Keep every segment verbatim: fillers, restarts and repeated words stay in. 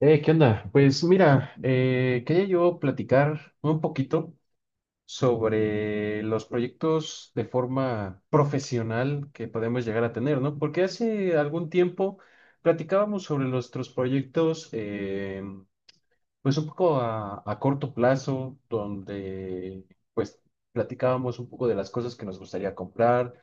Eh, ¿qué onda? Pues mira, eh, quería yo platicar un poquito sobre los proyectos de forma profesional que podemos llegar a tener, ¿no? Porque hace algún tiempo platicábamos sobre nuestros proyectos, eh, pues un poco a, a corto plazo, donde pues platicábamos un poco de las cosas que nos gustaría comprar.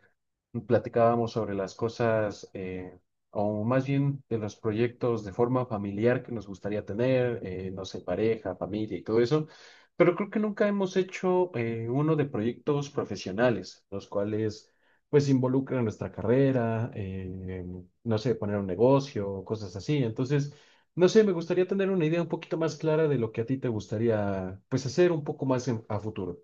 Platicábamos sobre las cosas, eh, o más bien de los proyectos de forma familiar que nos gustaría tener, eh, no sé, pareja, familia y todo eso, pero creo que nunca hemos hecho eh, uno de proyectos profesionales, los cuales pues involucran nuestra carrera, eh, no sé, poner un negocio, cosas así. Entonces, no sé, me gustaría tener una idea un poquito más clara de lo que a ti te gustaría pues hacer un poco más en- a futuro.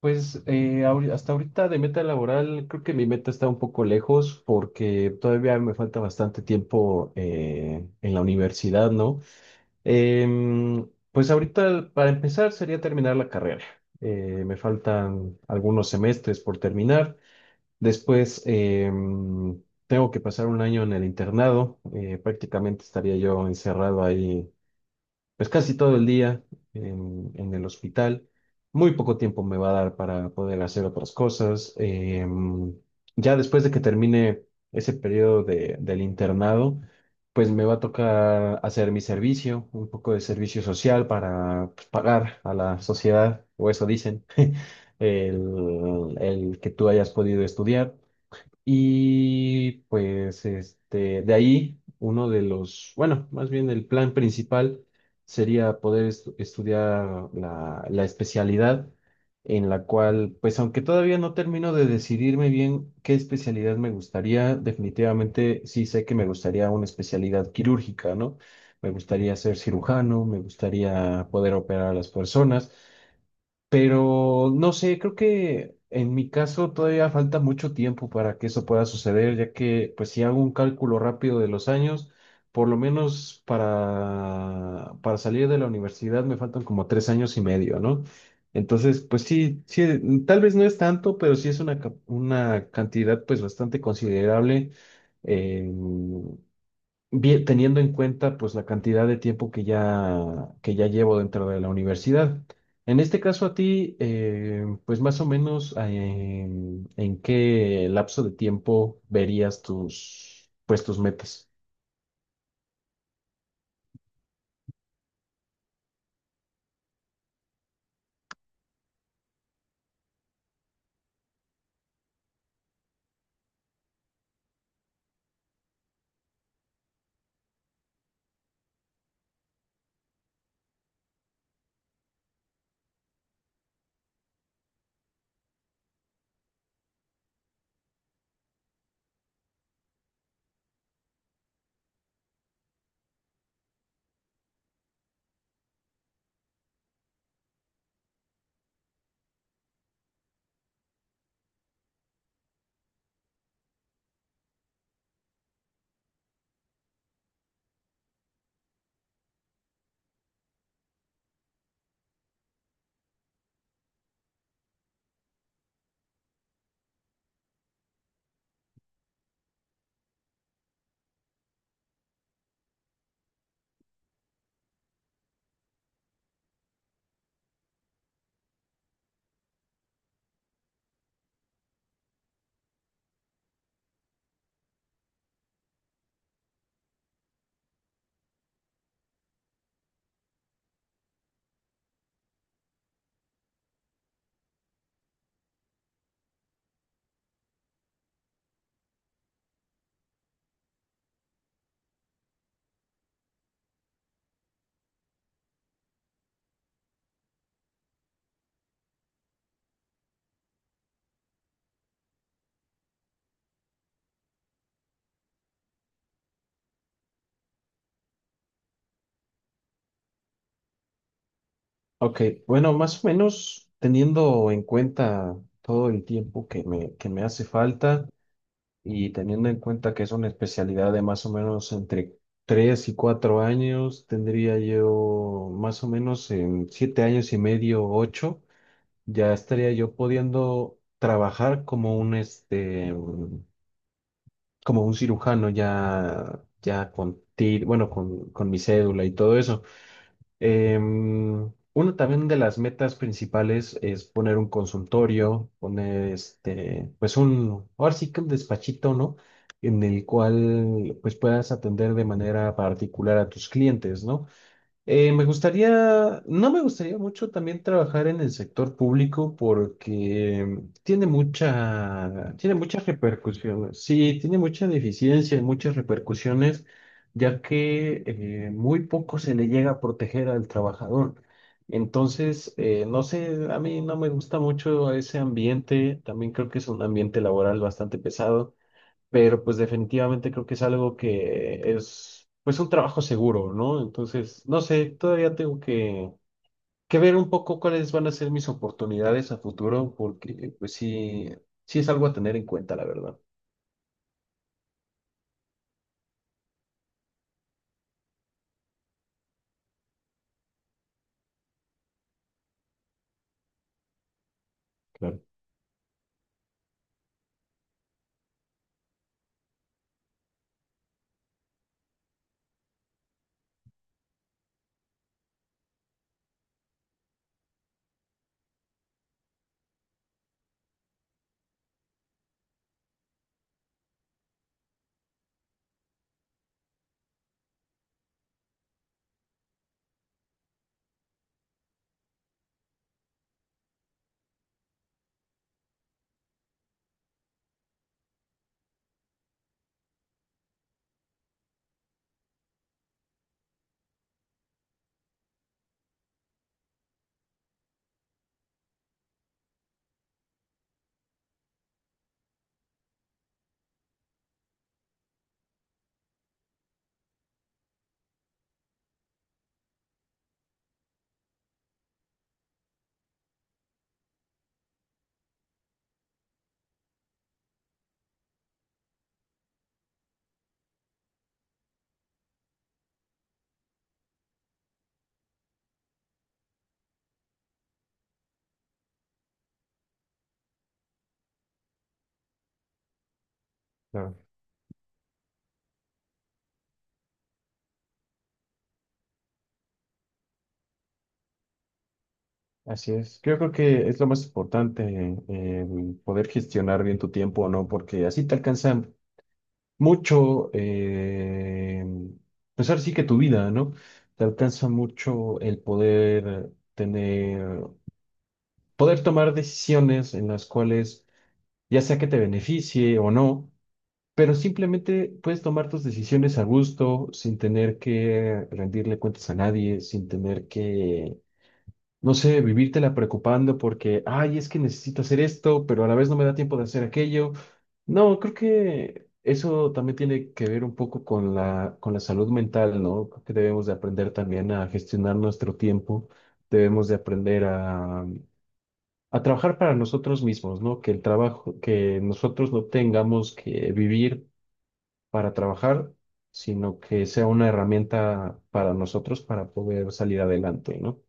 Pues eh, ahori- hasta ahorita de meta laboral, creo que mi meta está un poco lejos porque todavía me falta bastante tiempo eh, en la universidad, ¿no? Em, pues ahorita para empezar sería terminar la carrera. Eh, me faltan algunos semestres por terminar. Después em, tengo que pasar un año en el internado. Eh, prácticamente estaría yo encerrado ahí pues casi todo el día en, en el hospital. Muy poco tiempo me va a dar para poder hacer otras cosas. Em, ya después de que termine ese periodo de- del internado, pues me va a tocar hacer mi servicio, un poco de servicio social para, pues, pagar a la sociedad, o eso dicen, el, el que tú hayas podido estudiar. Y pues este, de ahí uno de los, bueno, más bien el plan principal sería poder estu- estudiar la, la especialidad en la cual, pues aunque todavía no termino de decidirme bien qué especialidad me gustaría, definitivamente sí sé que me gustaría una especialidad quirúrgica, ¿no? Me gustaría ser cirujano, me gustaría poder operar a las personas. Pero no sé, creo que en mi caso todavía falta mucho tiempo para que eso pueda suceder, ya que pues si hago un cálculo rápido de los años, por lo menos para, para salir de la universidad me faltan como tres años y medio, ¿no? Entonces, pues sí, sí, mm, tal vez no es tanto, pero sí es una, ca- una cantidad pues bastante considerable. Eh, vi- teniendo en cuenta pues la cantidad de tiempo que ya, que ya llevo dentro de la universidad. En este caso a ti, eh, pues más o menos, eh, en qué lapso de tiempo verías tus, pues tus metas. Ok, bueno, más o menos teniendo en cuenta todo el tiempo que me, que me hace falta. Y teniendo en cuenta que es una especialidad de más o menos entre tres y cuatro años, tendría yo más o menos en siete años y medio, ocho ya estaría yo pudiendo trabajar como un, este, un- como un cirujano ya, ya con tir, bueno, con, con mi cédula y todo eso. Em, uno también de las metas principales es poner un consultorio, poner este, pues un, ahora sí que un despachito, ¿no? En el cual pues puedas atender de manera particular a tus clientes, ¿no? Eh, me gustaría, no me gustaría mucho también trabajar en el sector público porque tiene mucha, tiene muchas repercusiones. Sí, tiene mucha deficiencia y muchas repercusiones, ya que, eh, muy poco se le llega a proteger al trabajador. Entonces, eh, no sé, a mí no me gusta mucho ese ambiente. También creo que es un ambiente laboral bastante pesado, pero pues definitivamente creo que es algo que es, pues, un trabajo seguro, ¿no? Entonces, no sé, todavía tengo que, que ver un poco cuáles van a ser mis oportunidades a futuro, porque pues sí, sí es algo a tener en cuenta, la verdad. Claro, claro. Así es. Yo creo que es lo más importante, el poder gestionar bien tu tiempo, ¿no? Porque así te alcanza mucho, eh, pues ahora sí que tu vida, ¿no? Te alcanza mucho el poder tener poder tomar decisiones en las cuales ya sea que te beneficie o no, pero simplemente puedes tomar tus decisiones a gusto, sin tener que rendirle cuentas a nadie, sin tener que, no sé, vivírtela preocupando porque, ay, es que necesito hacer esto, pero a la vez no me da tiempo de hacer aquello. No, creo que eso también tiene que ver un poco con la, con la salud mental, ¿no? Creo que debemos de aprender también a gestionar nuestro tiempo, debemos de aprender a a trabajar para nosotros mismos, ¿no? Que el trabajo, que nosotros no tengamos que vivir para trabajar, sino que sea una herramienta para nosotros para poder salir adelante, ¿no?